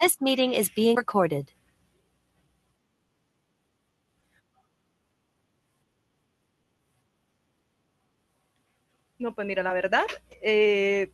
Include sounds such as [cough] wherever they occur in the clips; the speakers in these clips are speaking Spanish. This meeting is being recorded. No, pues mira, la verdad, eh,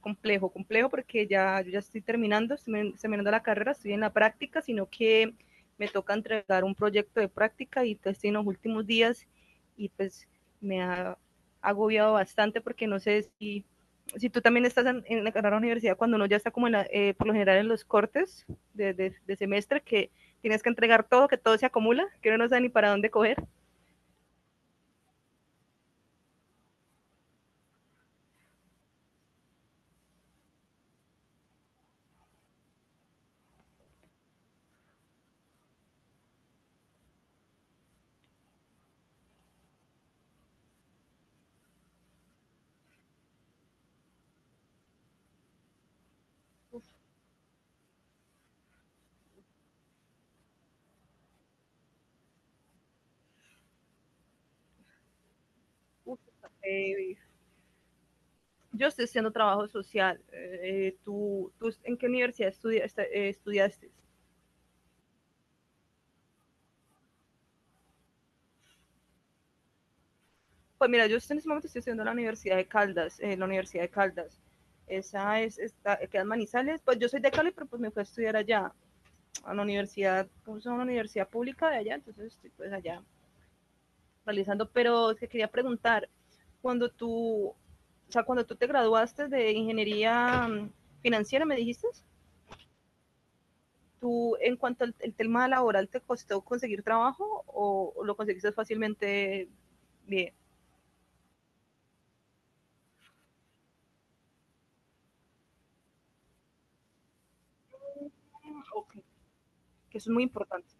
complejo, complejo porque ya, yo ya estoy terminando la carrera, estoy en la práctica, sino que me toca entregar un proyecto de práctica y pues, estoy en los últimos días y pues me ha agobiado bastante porque no sé si tú también estás en la carrera de la universidad cuando uno ya está como en por lo general en los cortes semestre que tienes que entregar todo, que todo se acumula, que uno no sabe ni para dónde coger. Uf, eh, yo estoy haciendo trabajo social. ¿Tú en qué universidad estudiaste? Pues mira, yo en este momento estoy estudiando en la Universidad de Caldas, en la Universidad de Caldas. Queda en Manizales. Pues yo soy de Cali, pero pues me fui a estudiar allá, a la universidad, como es una universidad pública de allá, entonces estoy pues allá realizando. Pero es que quería preguntar, cuando tú, o sea, cuando tú te graduaste de ingeniería financiera, ¿me dijiste? ¿Tú en cuanto al el tema laboral te costó conseguir trabajo o lo conseguiste fácilmente bien? Ok, que eso es muy importante.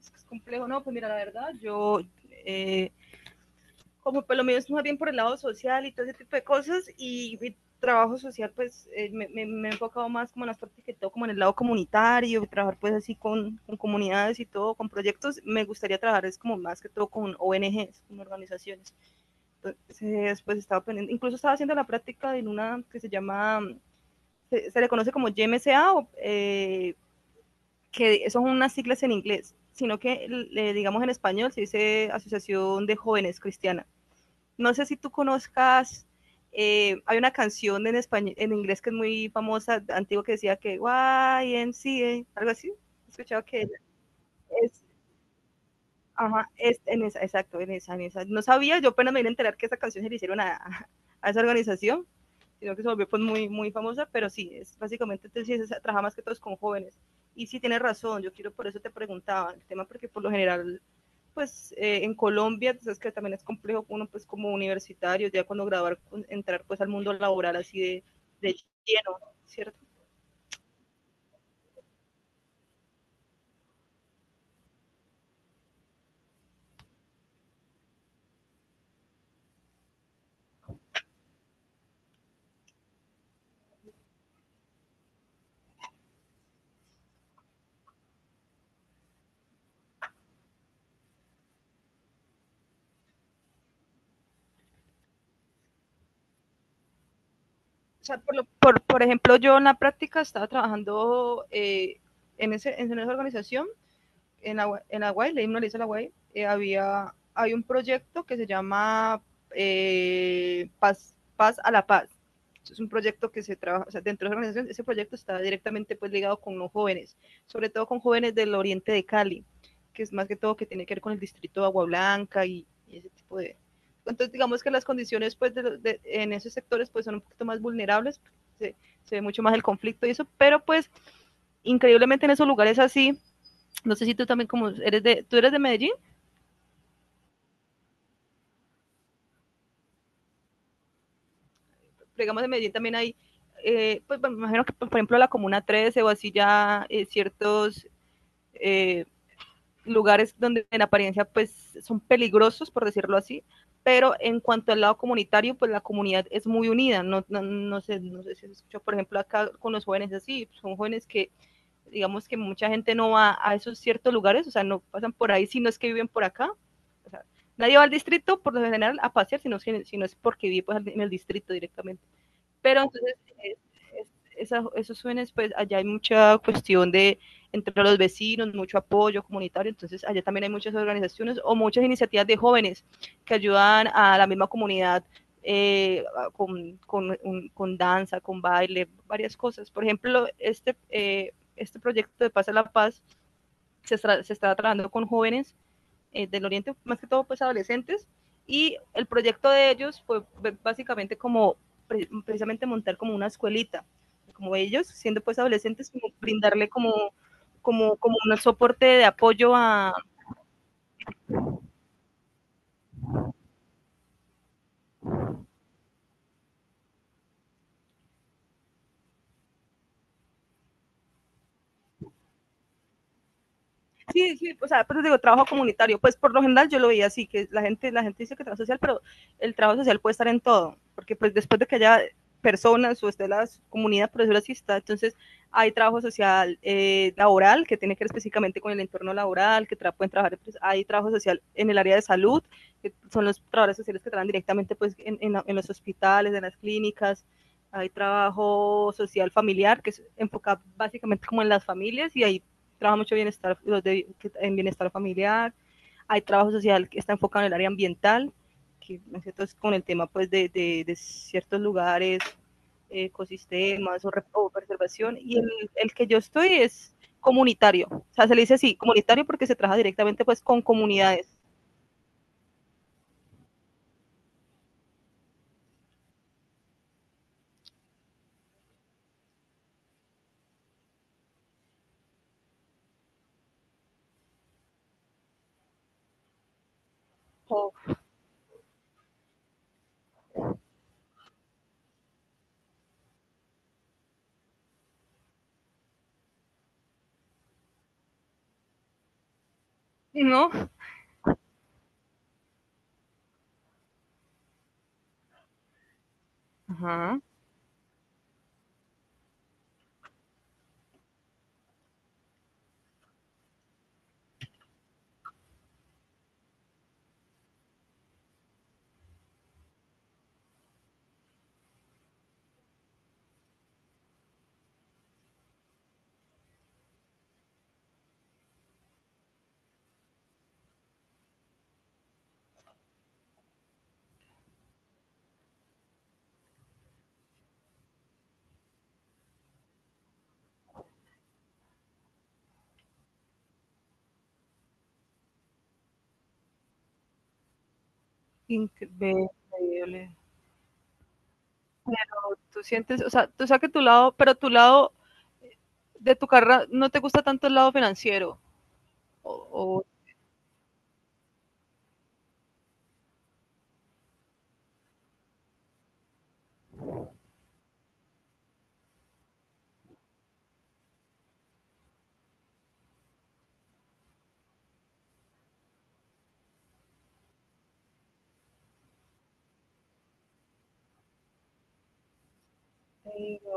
Es complejo, no, pues mira, la verdad, yo eh, como por lo menos más bien por el lado social y todo ese tipo de cosas, y mi trabajo social pues he enfocado más como en las partes que todo como en el lado comunitario, trabajar pues así con, comunidades y todo, con proyectos, me gustaría trabajar es como más que todo con ONGs, con organizaciones. Entonces, pues estaba pendiente, incluso estaba haciendo la práctica en una que se llama, se le conoce como YMCA, o, que son unas siglas en inglés, sino que, digamos en español, se dice Asociación de Jóvenes Cristianas. No sé si tú conozcas, hay una canción en español, en inglés que es muy famosa, antigua, que decía que YMCA, algo así. He escuchado que es, ajá, es en esa, exacto, en esa, en esa. No sabía, yo apenas me vine a enterar que esa canción se le hicieron a, [laughs] a esa organización, sino que se volvió pues, muy, muy famosa, pero sí, es básicamente, entonces, trabaja más que todos con jóvenes. Y sí, tienes razón, yo quiero, por eso te preguntaba el tema, porque por lo general pues en Colombia, entonces que también es complejo uno pues como universitario, ya cuando entrar pues al mundo laboral así de, de lleno, ¿cierto? O sea, por ejemplo, yo en la práctica estaba trabajando en esa organización en, en Aguay, le himno a Aguay, hay un proyecto que se llama Paz a la Paz. Es un proyecto que se trabaja, o sea, dentro de la organización, ese proyecto está directamente pues ligado con los jóvenes, sobre todo con jóvenes del oriente de Cali, que es más que todo que tiene que ver con el distrito de Agua Blanca y ese tipo de... Entonces, digamos que las condiciones pues de, en esos sectores pues son un poquito más vulnerables, se, se ve mucho más el conflicto y eso, pero pues increíblemente en esos lugares así, no sé si tú también, tú eres de Medellín, digamos de Medellín también hay, pues me imagino que, pues, por ejemplo, la Comuna 13 o así ya ciertos eh, lugares donde en apariencia pues son peligrosos, por decirlo así, pero en cuanto al lado comunitario, pues la comunidad es muy unida, no, no, no sé si se escucha, por ejemplo, acá con los jóvenes así, son jóvenes que digamos que mucha gente no va a esos ciertos lugares, o sea, no pasan por ahí si no es que viven por acá. O sea, nadie va al distrito por lo general a pasear, sino, sino es porque vive pues, en el distrito directamente. Pero entonces, es, es, esos jóvenes, pues allá hay mucha cuestión de entre los vecinos, mucho apoyo comunitario, entonces allá también hay muchas organizaciones o muchas iniciativas de jóvenes que ayudan a la misma comunidad eh, con danza, con baile, varias cosas. Por ejemplo, este, este proyecto de Paz a la Paz se está trabajando con jóvenes del Oriente, más que todo pues adolescentes, y el proyecto de ellos fue básicamente como precisamente montar como una escuelita, como ellos siendo pues adolescentes, como brindarle como, como un soporte de apoyo a... Sí, sí, o sea, pero digo, trabajo comunitario, pues por lo general yo lo veía así, que la gente dice que trabajo social, pero el trabajo social puede estar en todo, porque pues después de que haya personas o esté la comunidad, por eso así está, entonces hay trabajo social laboral que tiene que ver específicamente con el entorno laboral, que tra pueden trabajar, pues, hay trabajo social en el área de salud, que son los trabajadores sociales que trabajan directamente pues en, en los hospitales, en las clínicas, hay trabajo social familiar que es enfocado básicamente como en las familias y hay trabaja mucho bienestar, los de, en bienestar familiar, hay trabajo social que está enfocado en el área ambiental, que es con el tema pues de, de ciertos lugares, ecosistemas o preservación, y el, que yo estoy es comunitario, o sea, se le dice así, comunitario porque se trabaja directamente pues con comunidades, o, ¿no? Ajá. Increíble. Tú sientes, o sea, tú sabes que tu lado, pero tu lado de tu carrera no te gusta tanto el lado financiero, o,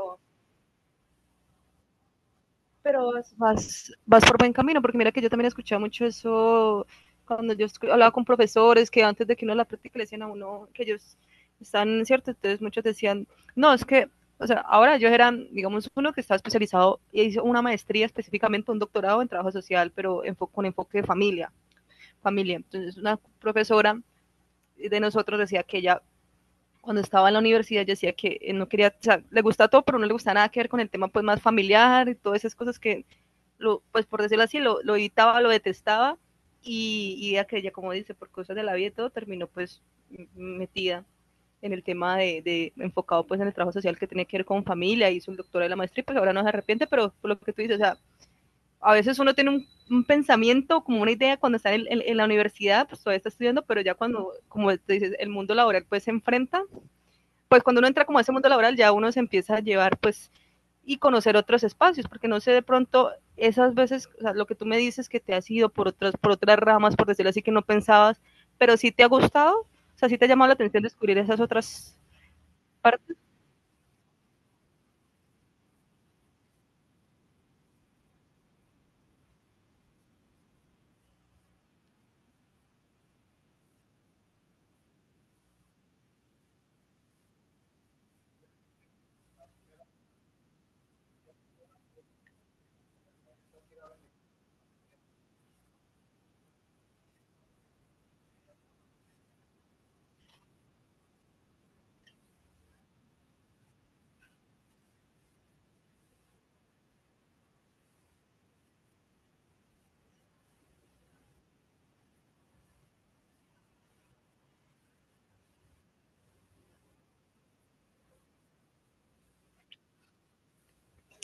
o o pero vas por buen camino, porque mira que yo también escuchaba mucho eso cuando yo hablaba con profesores que antes de que uno la práctica le decían a uno que ellos están, ¿cierto? Entonces muchos decían, no, es que, o sea, ahora ellos eran, digamos, uno que estaba especializado y hizo una maestría específicamente, un doctorado en trabajo social, pero enfo con enfoque de familia, familia. Entonces una profesora de nosotros decía que ella cuando estaba en la universidad decía que no quería, o sea, le gusta todo, pero no le gusta nada que ver con el tema pues más familiar y todas esas cosas que lo, pues por decirlo así, lo editaba, lo detestaba y ya que ella, como dice, por cosas de la vida y todo, terminó pues metida en el tema de, enfocado pues en el trabajo social que tiene que ver con familia, hizo el doctorado de la maestría y pues ahora no se arrepiente, pero por lo que tú dices, o sea, a veces uno tiene un pensamiento, como una idea cuando está en, la universidad, pues todavía está estudiando, pero ya cuando, como te dices, el mundo laboral pues se enfrenta, pues cuando uno entra como a ese mundo laboral ya uno se empieza a llevar pues y conocer otros espacios, porque no sé de pronto esas veces, o sea, lo que tú me dices que te has ido por otras, ramas, por decirlo así, que no pensabas, pero sí te ha gustado, o sea, sí te ha llamado la atención descubrir esas otras partes.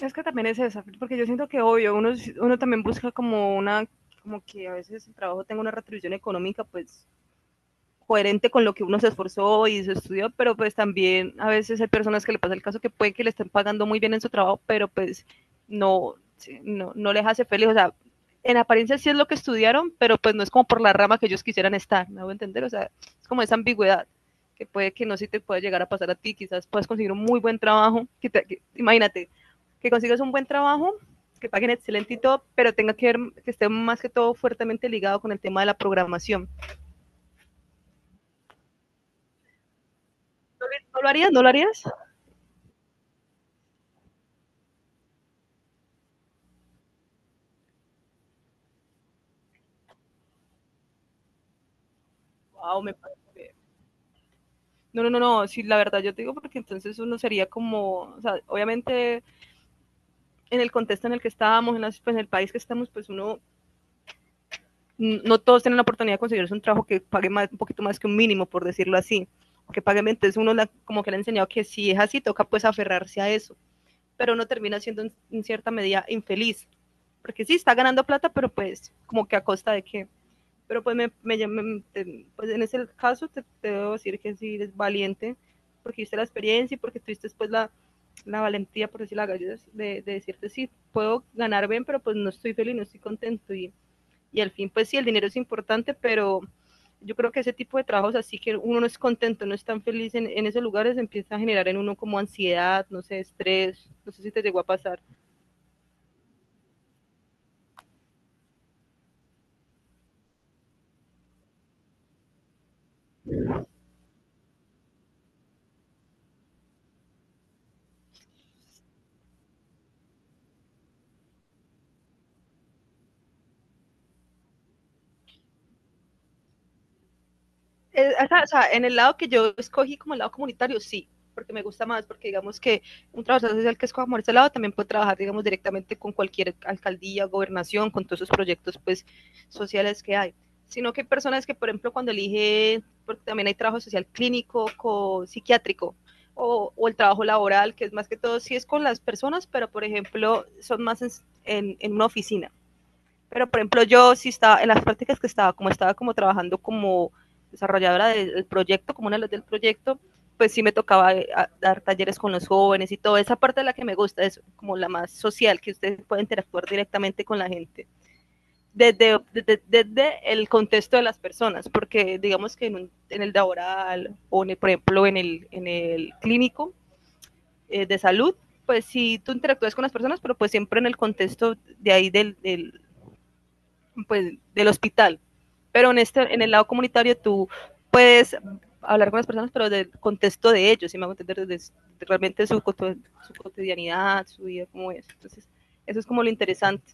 Es que también es esa, porque yo siento que obvio, uno también busca como una, como que a veces el trabajo tenga una retribución económica, pues coherente con lo que uno se esforzó y se estudió, pero pues también a veces hay personas que le pasa el caso que puede que le estén pagando muy bien en su trabajo, pero pues no, sí, no les hace feliz, o sea, en apariencia sí es lo que estudiaron, pero pues no es como por la rama que ellos quisieran estar, ¿me hago entender? O sea, es como esa ambigüedad que puede que no si te pueda llegar a pasar a ti, quizás puedas conseguir un muy buen trabajo, que te, que, imagínate, que consigas un buen trabajo, que paguen excelente y todo, pero tenga que ver, que esté más que todo fuertemente ligado con el tema de la programación. ¿No lo harías? ¿No lo harías? Wow, me parece. No, no, no, no, sí, la verdad yo te digo porque entonces uno sería como, o sea, obviamente en el contexto en el que estábamos, en, las- pues, en el país que estamos, pues uno, n- no todos tienen la oportunidad de conseguirse un trabajo que pague más, un poquito más que un mínimo, por decirlo así, o que pague, entonces uno la- como que le ha enseñado que si es así, toca pues aferrarse a eso, pero uno termina siendo en, cierta medida infeliz, porque sí, está ganando plata, pero pues como que a costa de qué. Pero pues, me- pues en ese caso te, te debo decir que sí eres valiente porque viste la experiencia y porque tuviste después la, valentía, por decir la gallega, de decirte sí, puedo ganar bien, pero pues no estoy feliz, no estoy contento. Y al fin, pues sí, el dinero es importante, pero yo creo que ese tipo de trabajos así que uno no es contento, no es tan feliz en, esos lugares, empieza a generar en uno como ansiedad, no sé, estrés, no sé si te llegó a pasar. eh, o sea, en el lado que yo escogí como el lado comunitario, sí, porque me gusta más, porque digamos que un trabajador social que escoja por ese lado también puede trabajar, digamos, directamente con cualquier alcaldía, gobernación, con todos esos proyectos, pues, sociales que hay. Sino que hay personas que, por ejemplo, cuando elige, porque también hay trabajo social clínico, co psiquiátrico, o, el trabajo laboral, que es más que todo, sí es con las personas, pero, por ejemplo, son más en, una oficina pero, por ejemplo, yo sí estaba, en las prácticas que estaba como trabajando como desarrolladora del proyecto, como una de las del proyecto, pues sí me tocaba dar talleres con los jóvenes y todo. Esa parte de la que me gusta es como la más social, que ustedes pueden interactuar directamente con la gente, desde, desde el contexto de las personas, porque digamos que en, en el laboral en el, por ejemplo, en el, clínico de salud, pues sí tú interactúas con las personas, pero pues siempre en el contexto de ahí del, del hospital. Pero en, este, en el lado comunitario tú puedes hablar con las personas, pero del contexto de ellos, si me hago entender, desde realmente su, cotidianidad, su vida, cómo es. Entonces, eso es como lo interesante.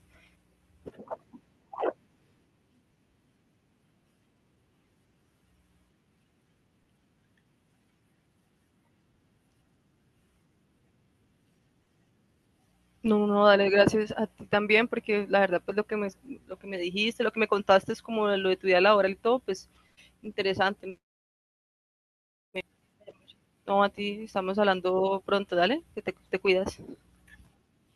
No, no, dale gracias a ti también, porque la verdad, pues lo que me, dijiste, lo que me contaste es como lo de tu vida laboral y todo, pues interesante. No, a ti estamos hablando pronto, dale, que te cuidas.